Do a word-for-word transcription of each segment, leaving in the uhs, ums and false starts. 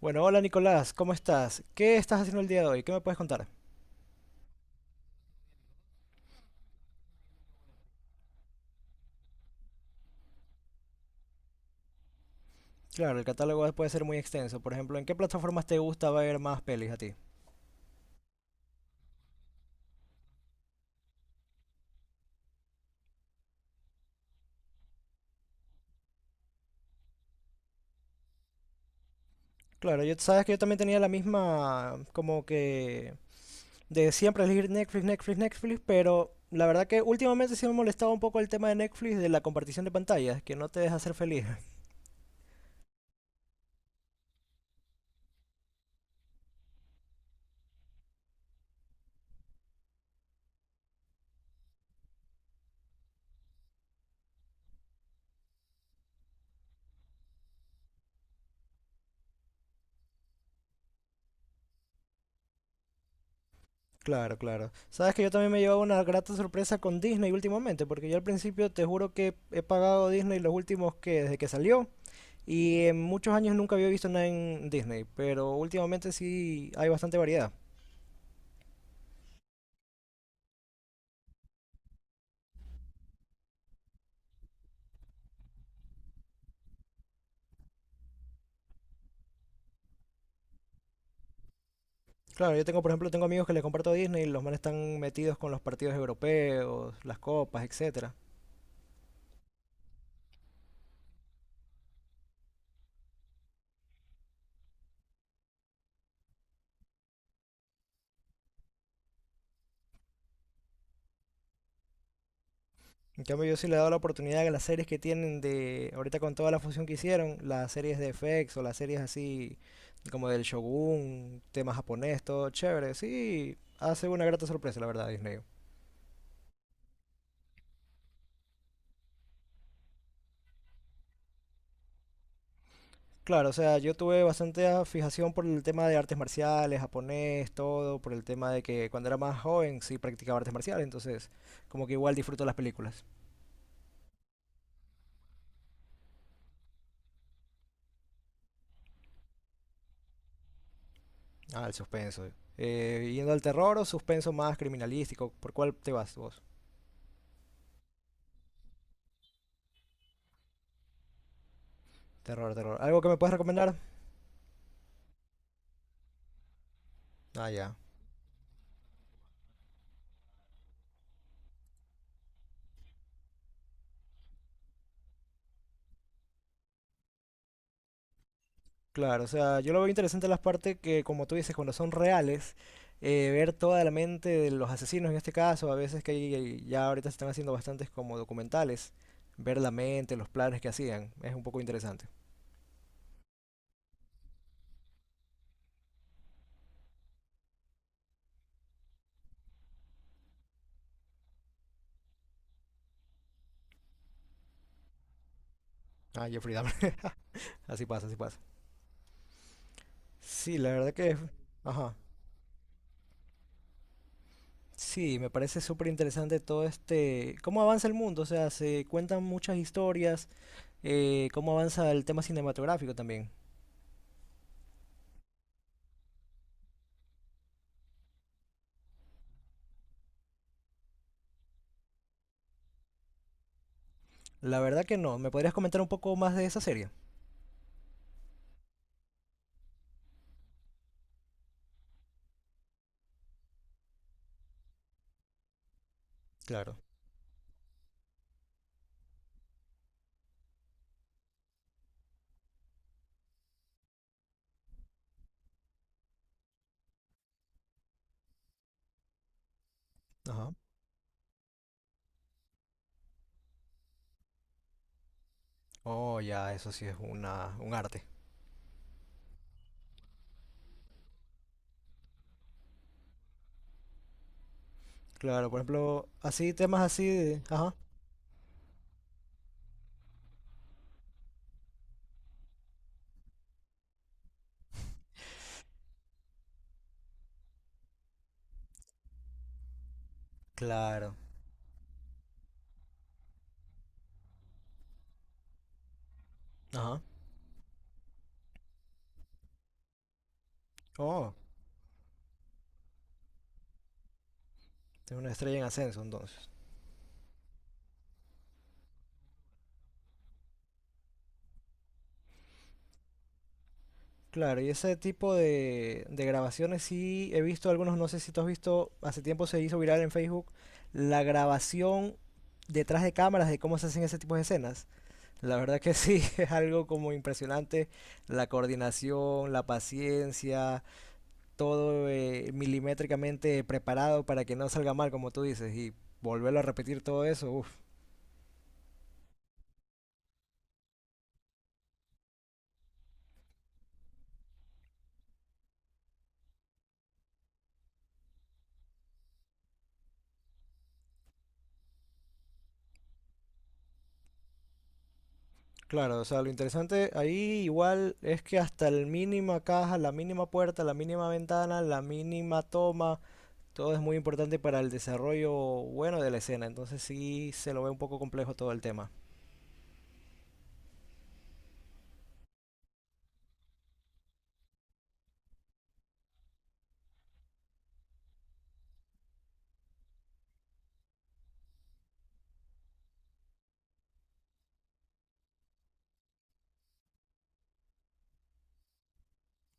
Bueno, hola Nicolás, ¿cómo estás? ¿Qué estás haciendo el día de hoy? ¿Qué me puedes contar? Claro, el catálogo puede ser muy extenso. Por ejemplo, ¿en qué plataformas te gusta ver más pelis a ti? Claro, yo sabes que yo también tenía la misma, como que de siempre elegir Netflix, Netflix, Netflix, pero la verdad que últimamente sí me molestaba un poco el tema de Netflix de la compartición de pantallas, que no te deja ser feliz. Claro, claro. Sabes que yo también me he llevado una grata sorpresa con Disney últimamente, porque yo al principio te juro que he pagado Disney los últimos que desde que salió. Y en muchos años nunca había visto nada en Disney, pero últimamente sí hay bastante variedad. Claro, yo tengo, por ejemplo, tengo amigos que les comparto Disney y los manes están metidos con los partidos europeos, las copas, etcétera. En cambio, yo sí le he dado la oportunidad a las series que tienen de, ahorita con toda la fusión que hicieron, las series de F X o las series así como del Shogun, tema japonés, todo chévere. Sí, hace una grata sorpresa, la verdad, Disney. Claro, o sea, yo tuve bastante ah, fijación por el tema de artes marciales, japonés, todo, por el tema de que cuando era más joven sí practicaba artes marciales, entonces como que igual disfruto las películas. Ah, el suspenso. Eh, yendo al terror o suspenso más criminalístico, ¿por cuál te vas vos? Terror, terror. ¿Algo que me puedas recomendar? Ah, ya. Claro, o sea, yo lo veo interesante las partes que, como tú dices, cuando son reales, eh, ver toda la mente de los asesinos en este caso, a veces que hay- ya ahorita se están haciendo bastantes como documentales, ver la mente, los planes que hacían, es un poco interesante. Ah, Jeffrey Dahmer. Así pasa, así pasa. Sí, la verdad que... Ajá. Sí, me parece súper interesante todo este cómo avanza el mundo, o sea, se cuentan muchas historias, eh, cómo avanza el tema cinematográfico también. La verdad que no, ¿me podrías comentar un poco más de esa serie? Claro. Ajá. Oh, ya, eso sí es una, un arte. Claro, por ejemplo, así, temas así de... Ajá. Claro. Ajá. Oh. Es una estrella en ascenso, entonces. Claro, y ese tipo de, de grabaciones sí he visto algunos, no sé si tú has visto, hace tiempo se hizo viral en Facebook, la grabación detrás de cámaras de cómo se hacen ese tipo de escenas. La verdad que sí, es algo como impresionante, la coordinación, la paciencia, todo eh, milimétricamente preparado para que no salga mal, como tú dices, y volverlo a repetir todo eso, uff. Claro, o sea, lo interesante ahí igual es que hasta la mínima caja, la mínima puerta, la mínima ventana, la mínima toma, todo es muy importante para el desarrollo bueno de la escena, entonces sí se lo ve un poco complejo todo el tema.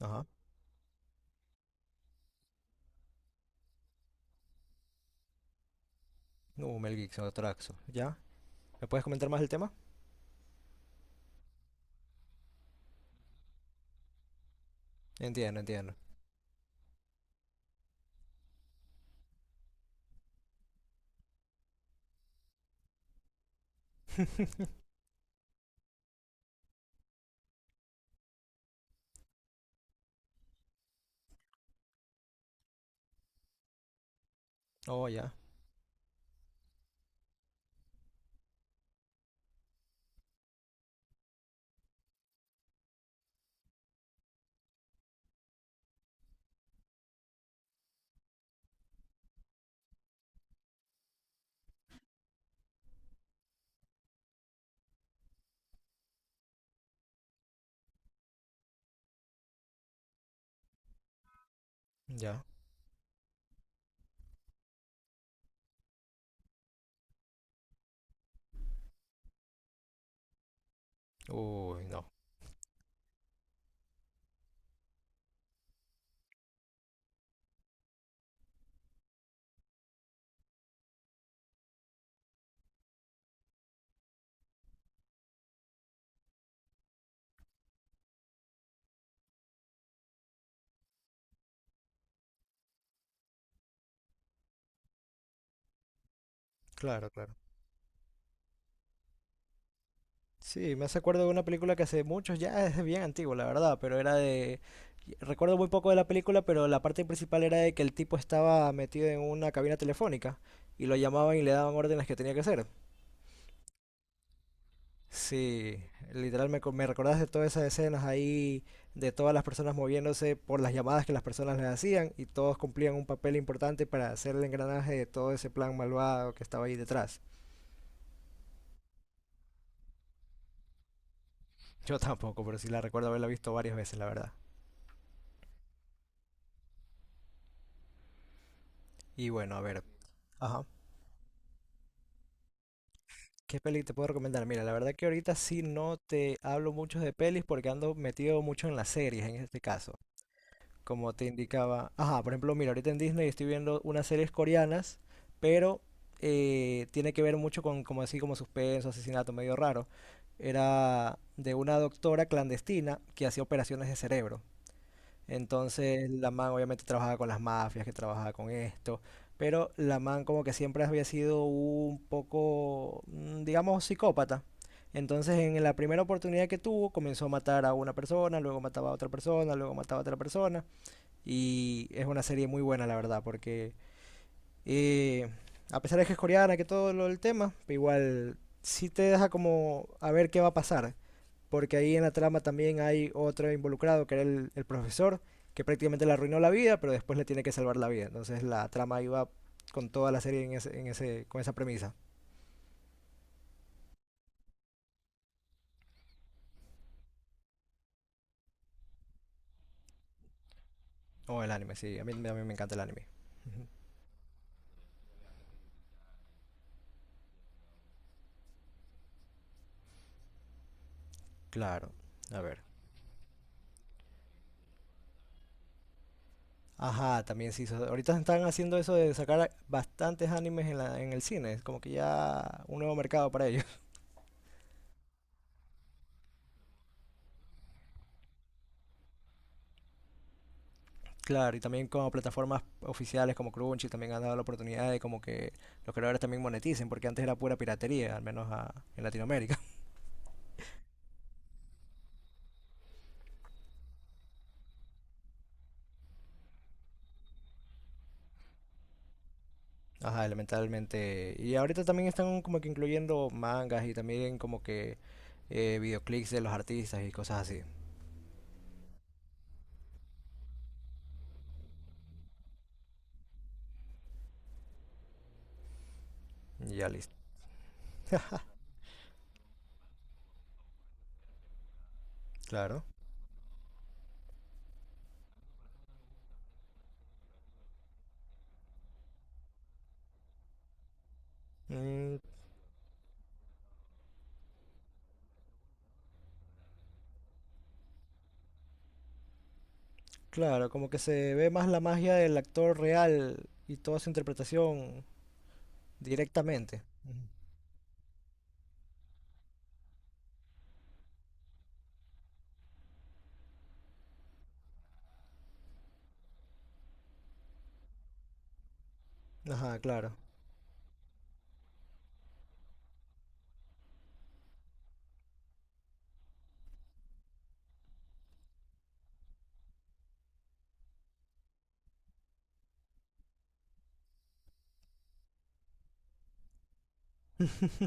Ajá, no, Mel Gibson, Traxo, ¿ya? ¿Me puedes comentar más el tema? Entiendo, entiendo. Oh, ya, ya. Uy, no. Claro, claro. Sí, me hace acuerdo de una película que hace muchos, ya es bien antigua, la verdad, pero era de... Recuerdo muy poco de la película, pero la parte principal era de que el tipo estaba metido en una cabina telefónica y lo llamaban y le daban órdenes que tenía que hacer. Sí, literal me, co- me recordaste todas esas escenas ahí de todas las personas moviéndose por las llamadas que las personas les hacían y todos cumplían un papel importante para hacer el engranaje de todo ese plan malvado que estaba ahí detrás. Yo tampoco, pero sí la recuerdo haberla visto varias veces, la verdad. Y bueno, a ver. Ajá. ¿Qué peli te puedo recomendar? Mira, la verdad que ahorita sí no te hablo mucho de pelis porque ando metido mucho en las series en este caso. Como te indicaba. Ajá, por ejemplo, mira, ahorita en Disney estoy viendo unas series coreanas, pero eh, tiene que ver mucho con como así como suspenso, asesinato, medio raro. Era de una doctora clandestina que hacía operaciones de cerebro. Entonces la man obviamente trabajaba con las mafias, que trabajaba con esto, pero la man como que siempre había sido un poco, mm, digamos, psicópata. Entonces en la primera oportunidad que tuvo comenzó a matar a una persona, luego mataba a otra persona, luego mataba a otra persona. Y es una serie muy buena, la verdad, porque eh, a pesar de que es coreana, que todo lo del tema, pero igual sí te deja como a ver qué va a pasar porque ahí en la trama también hay otro involucrado, que era el, el profesor, que prácticamente le arruinó la vida, pero después le tiene que salvar la vida. Entonces la trama iba con toda la serie en ese, en ese, con esa premisa. O el anime, sí, a mí, a mí me encanta el anime. Claro, a ver. Ajá, también sí. Ahorita están haciendo eso de sacar bastantes animes en, la, en el cine. Es como que ya un nuevo mercado para ellos. Claro, y también como plataformas oficiales como Crunchy también han dado la oportunidad de como que los creadores también moneticen, porque antes era pura piratería, al menos a, en Latinoamérica. Ajá, elementalmente. Y ahorita también están como que incluyendo mangas y también como que eh, videoclips de los artistas y cosas así. Ya listo. Claro. Mm, claro, como que se ve más la magia del actor real y toda su interpretación directamente. Ujú. Ajá, claro.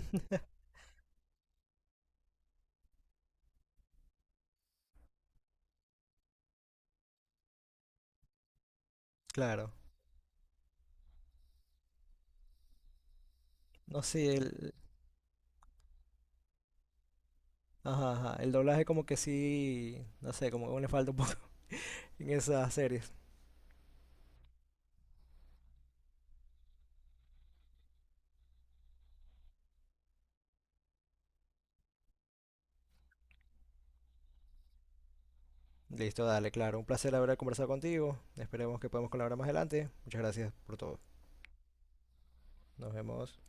Claro. No sé, el, ajá, ajá, el doblaje como que sí, no sé, como que aún le falta un poco en esas series. Listo, dale, claro. Un placer haber conversado contigo. Esperemos que podamos colaborar más adelante. Muchas gracias por todo. Nos vemos.